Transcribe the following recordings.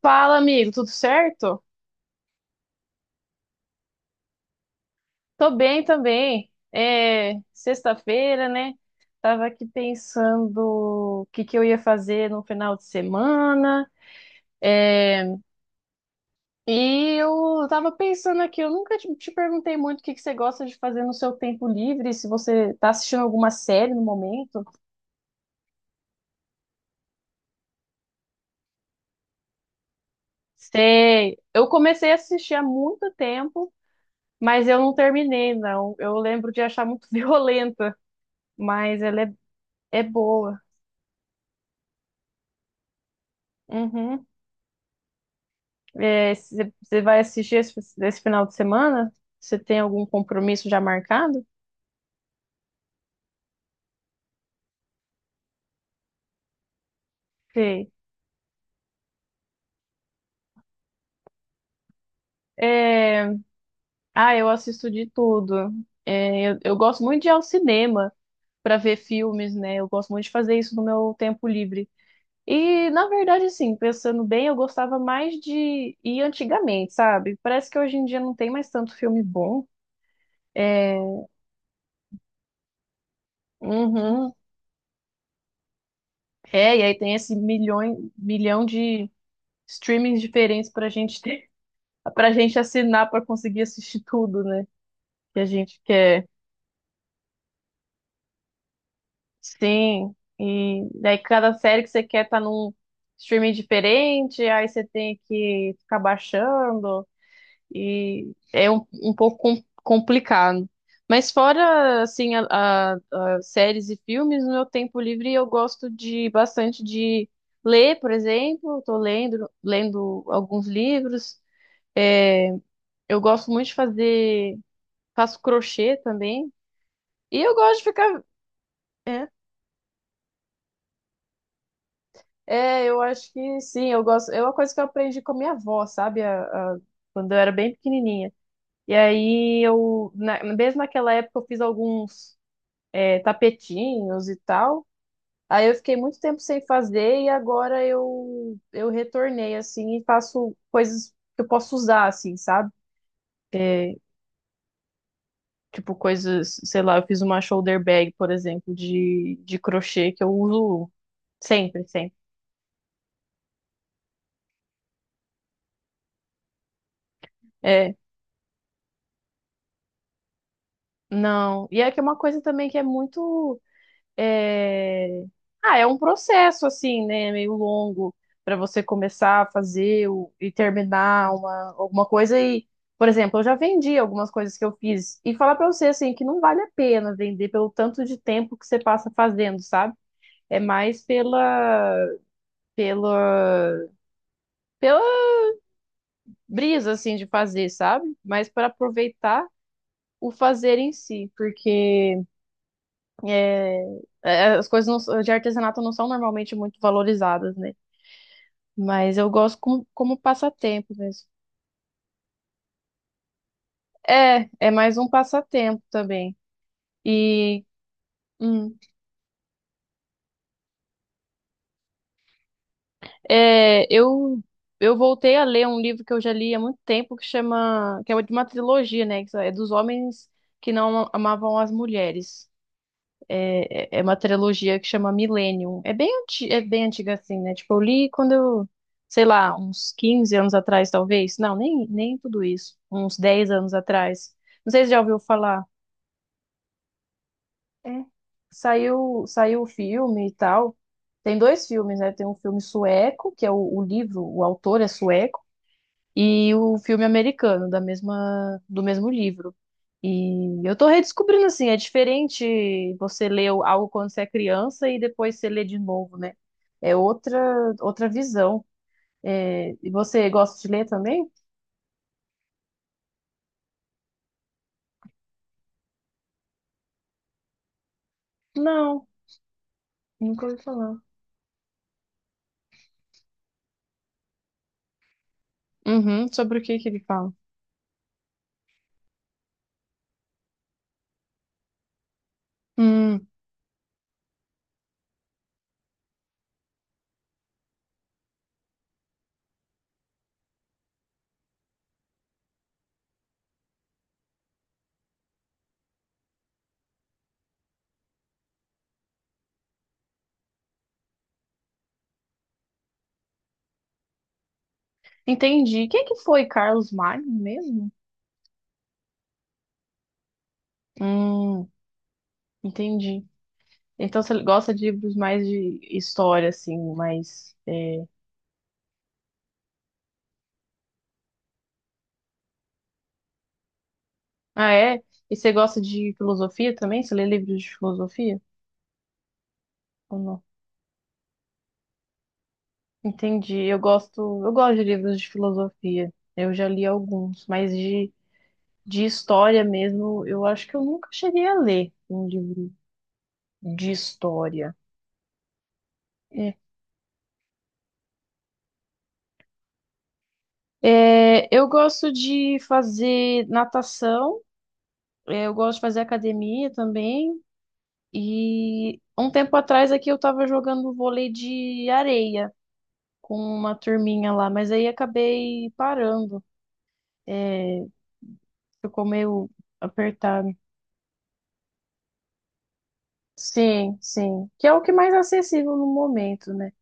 Fala, amigo, tudo certo? Tô bem também. É sexta-feira, né? Tava aqui pensando o que que eu ia fazer no final de semana. É, e eu tava pensando aqui, eu nunca te perguntei muito o que que você gosta de fazer no seu tempo livre, se você tá assistindo alguma série no momento. Sei, eu comecei a assistir há muito tempo, mas eu não terminei, não. Eu lembro de achar muito violenta, mas ela é boa. Uhum. É, você vai assistir esse final de semana? Você tem algum compromisso já marcado? Sei. É, ah, eu assisto de tudo. Eu gosto muito de ir ao cinema para ver filmes, né? Eu gosto muito de fazer isso no meu tempo livre. E, na verdade, assim, pensando bem, eu gostava mais de ir antigamente, sabe? Parece que hoje em dia não tem mais tanto filme bom. É, uhum. É, e aí tem esse milhão de streamings diferentes pra gente ter, pra gente assinar pra conseguir assistir tudo, né? Que a gente quer. Sim. E daí cada série que você quer tá num streaming diferente, aí você tem que ficar baixando e é um pouco complicado. Mas fora assim a séries e filmes, no meu tempo livre eu gosto de bastante de ler, por exemplo, estou lendo alguns livros. É, eu gosto muito de fazer faço crochê também. E eu gosto de ficar. É, é, eu acho que sim, eu gosto. É uma coisa que eu aprendi com a minha avó, sabe? A- Quando eu era bem pequenininha. E aí mesmo naquela época, eu fiz alguns tapetinhos e tal. Aí eu fiquei muito tempo sem fazer e agora eu retornei, assim, e faço coisas que eu posso usar, assim, sabe? É, tipo coisas, sei lá, eu fiz uma shoulder bag, por exemplo, de crochê que eu uso sempre, sempre. É, não. E é que é uma coisa também que é muito. É, ah, é um processo, assim, né? É meio longo para você começar a e terminar alguma coisa. E, por exemplo, eu já vendi algumas coisas que eu fiz. E falar para você, assim, que não vale a pena vender pelo tanto de tempo que você passa fazendo, sabe? É mais pela, pela brisa, assim, de fazer, sabe? Mas para aproveitar o fazer em si, porque. É, as coisas de artesanato não são normalmente muito valorizadas, né? Mas eu gosto como, como passatempo mesmo. É, é mais um passatempo também. E hum, é, eu eu voltei a ler um livro que eu já li há muito tempo que é de uma trilogia, né? Que é dos homens que não amavam as mulheres. É uma trilogia que chama Millennium. É bem antiga assim, né? Tipo, eu li quando eu, sei lá, uns 15 anos atrás, talvez. Não, nem tudo isso. Uns 10 anos atrás. Não sei se já ouviu falar. É. Saiu o filme e tal. Tem dois filmes, né? Tem um filme sueco, que é o livro, o autor é sueco e o filme americano da mesma do mesmo livro. E eu tô redescobrindo assim, é diferente você ler algo quando você é criança e depois você lê de novo, né? É outra visão. É, e você gosta de ler também? Não, nunca ouvi falar. Uhum, sobre o que que ele fala? Hum, entendi. Quem é que foi Carlos Magno mesmo? Hum, entendi. Então você gosta de livros mais de história, assim, mais é. Ah, é? E você gosta de filosofia também? Você lê livros de filosofia ou não? Entendi. Eu gosto de livros de filosofia. Eu já li alguns, mas de história mesmo, eu acho que eu nunca cheguei a ler um livro de história. É. É, eu gosto de fazer natação, é, eu gosto de fazer academia também. E um tempo atrás aqui eu estava jogando vôlei de areia com uma turminha lá, mas aí acabei parando. É, ficou meio apertado. Sim, sim. Que é o que é mais acessível no momento, né?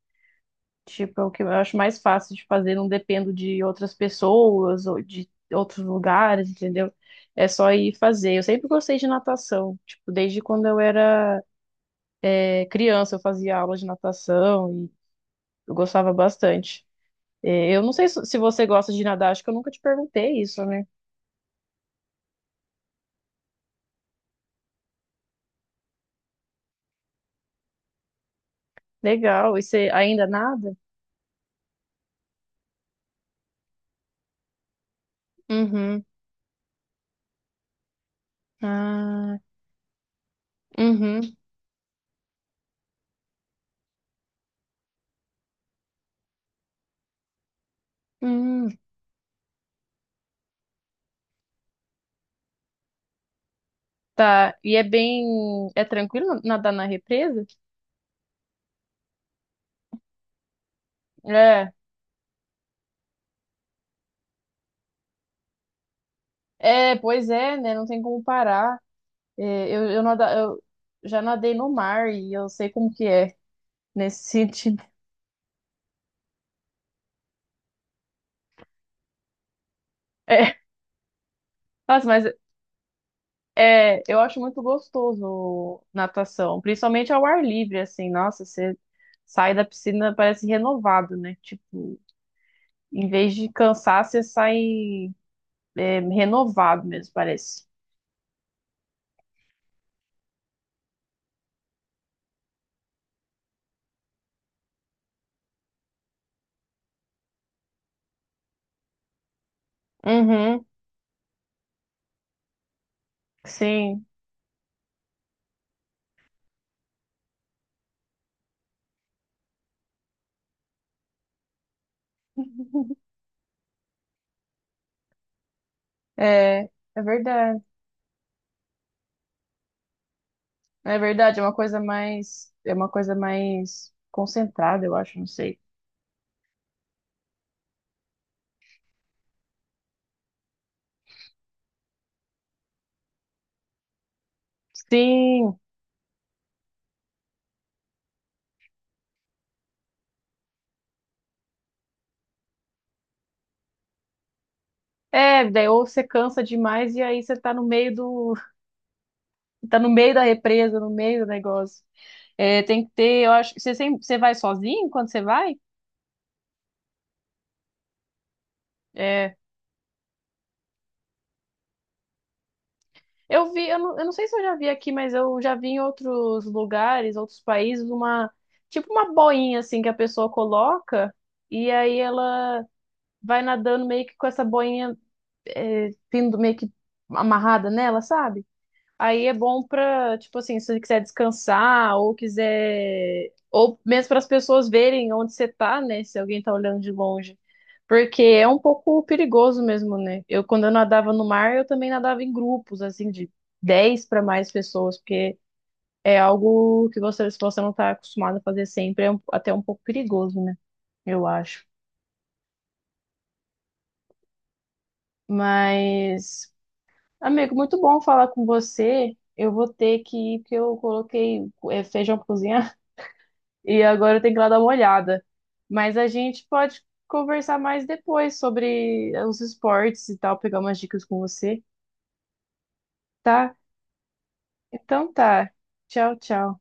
Tipo, é o que eu acho mais fácil de fazer, não dependo de outras pessoas ou de outros lugares, entendeu? É só ir fazer. Eu sempre gostei de natação, tipo, desde quando eu era é, criança, eu fazia aula de natação e eu gostava bastante. É, eu não sei se você gosta de nadar, acho que eu nunca te perguntei isso, né? Legal. E você ainda nada? Uhum. Ah, uhum. Hum. Tá, e é bem. É tranquilo nadar na represa? É, é, pois é, né? Não tem como parar. Eu já nadei no mar e eu sei como que é nesse sentido. É, nossa, mas é, eu acho muito gostoso natação, principalmente ao ar livre, assim. Nossa, você sai da piscina, parece renovado, né? Tipo, em vez de cansar, você sai, é, renovado mesmo, parece. Uhum, sim. É, é verdade. É verdade, é uma é uma coisa mais concentrada, eu acho, não sei. Sim. É, daí ou você cansa demais e aí você tá no meio do, tá no meio da represa, no meio do negócio. É, tem que ter, eu acho, você sempre, você vai sozinho quando você vai? É, eu não sei se eu já vi aqui, mas eu já vi em outros lugares, outros países, uma, tipo uma boinha assim que a pessoa coloca e aí ela vai nadando meio que com essa boinha é, pendo meio que amarrada nela, sabe? Aí é bom pra, tipo assim, se você quiser descansar ou quiser. Ou mesmo para as pessoas verem onde você tá, né? Se alguém tá olhando de longe. Porque é um pouco perigoso mesmo, né? Quando eu nadava no mar, eu também nadava em grupos, assim, de 10 para mais pessoas, porque é algo que você, se você não tá acostumado a fazer sempre, é até um pouco perigoso, né? Eu acho. Mas amigo, muito bom falar com você. Eu vou ter que ir, porque eu coloquei é, feijão pra cozinhar e agora eu tenho que ir lá dar uma olhada. Mas a gente pode conversar mais depois sobre os esportes e tal, pegar umas dicas com você, tá? Então tá. Tchau, tchau.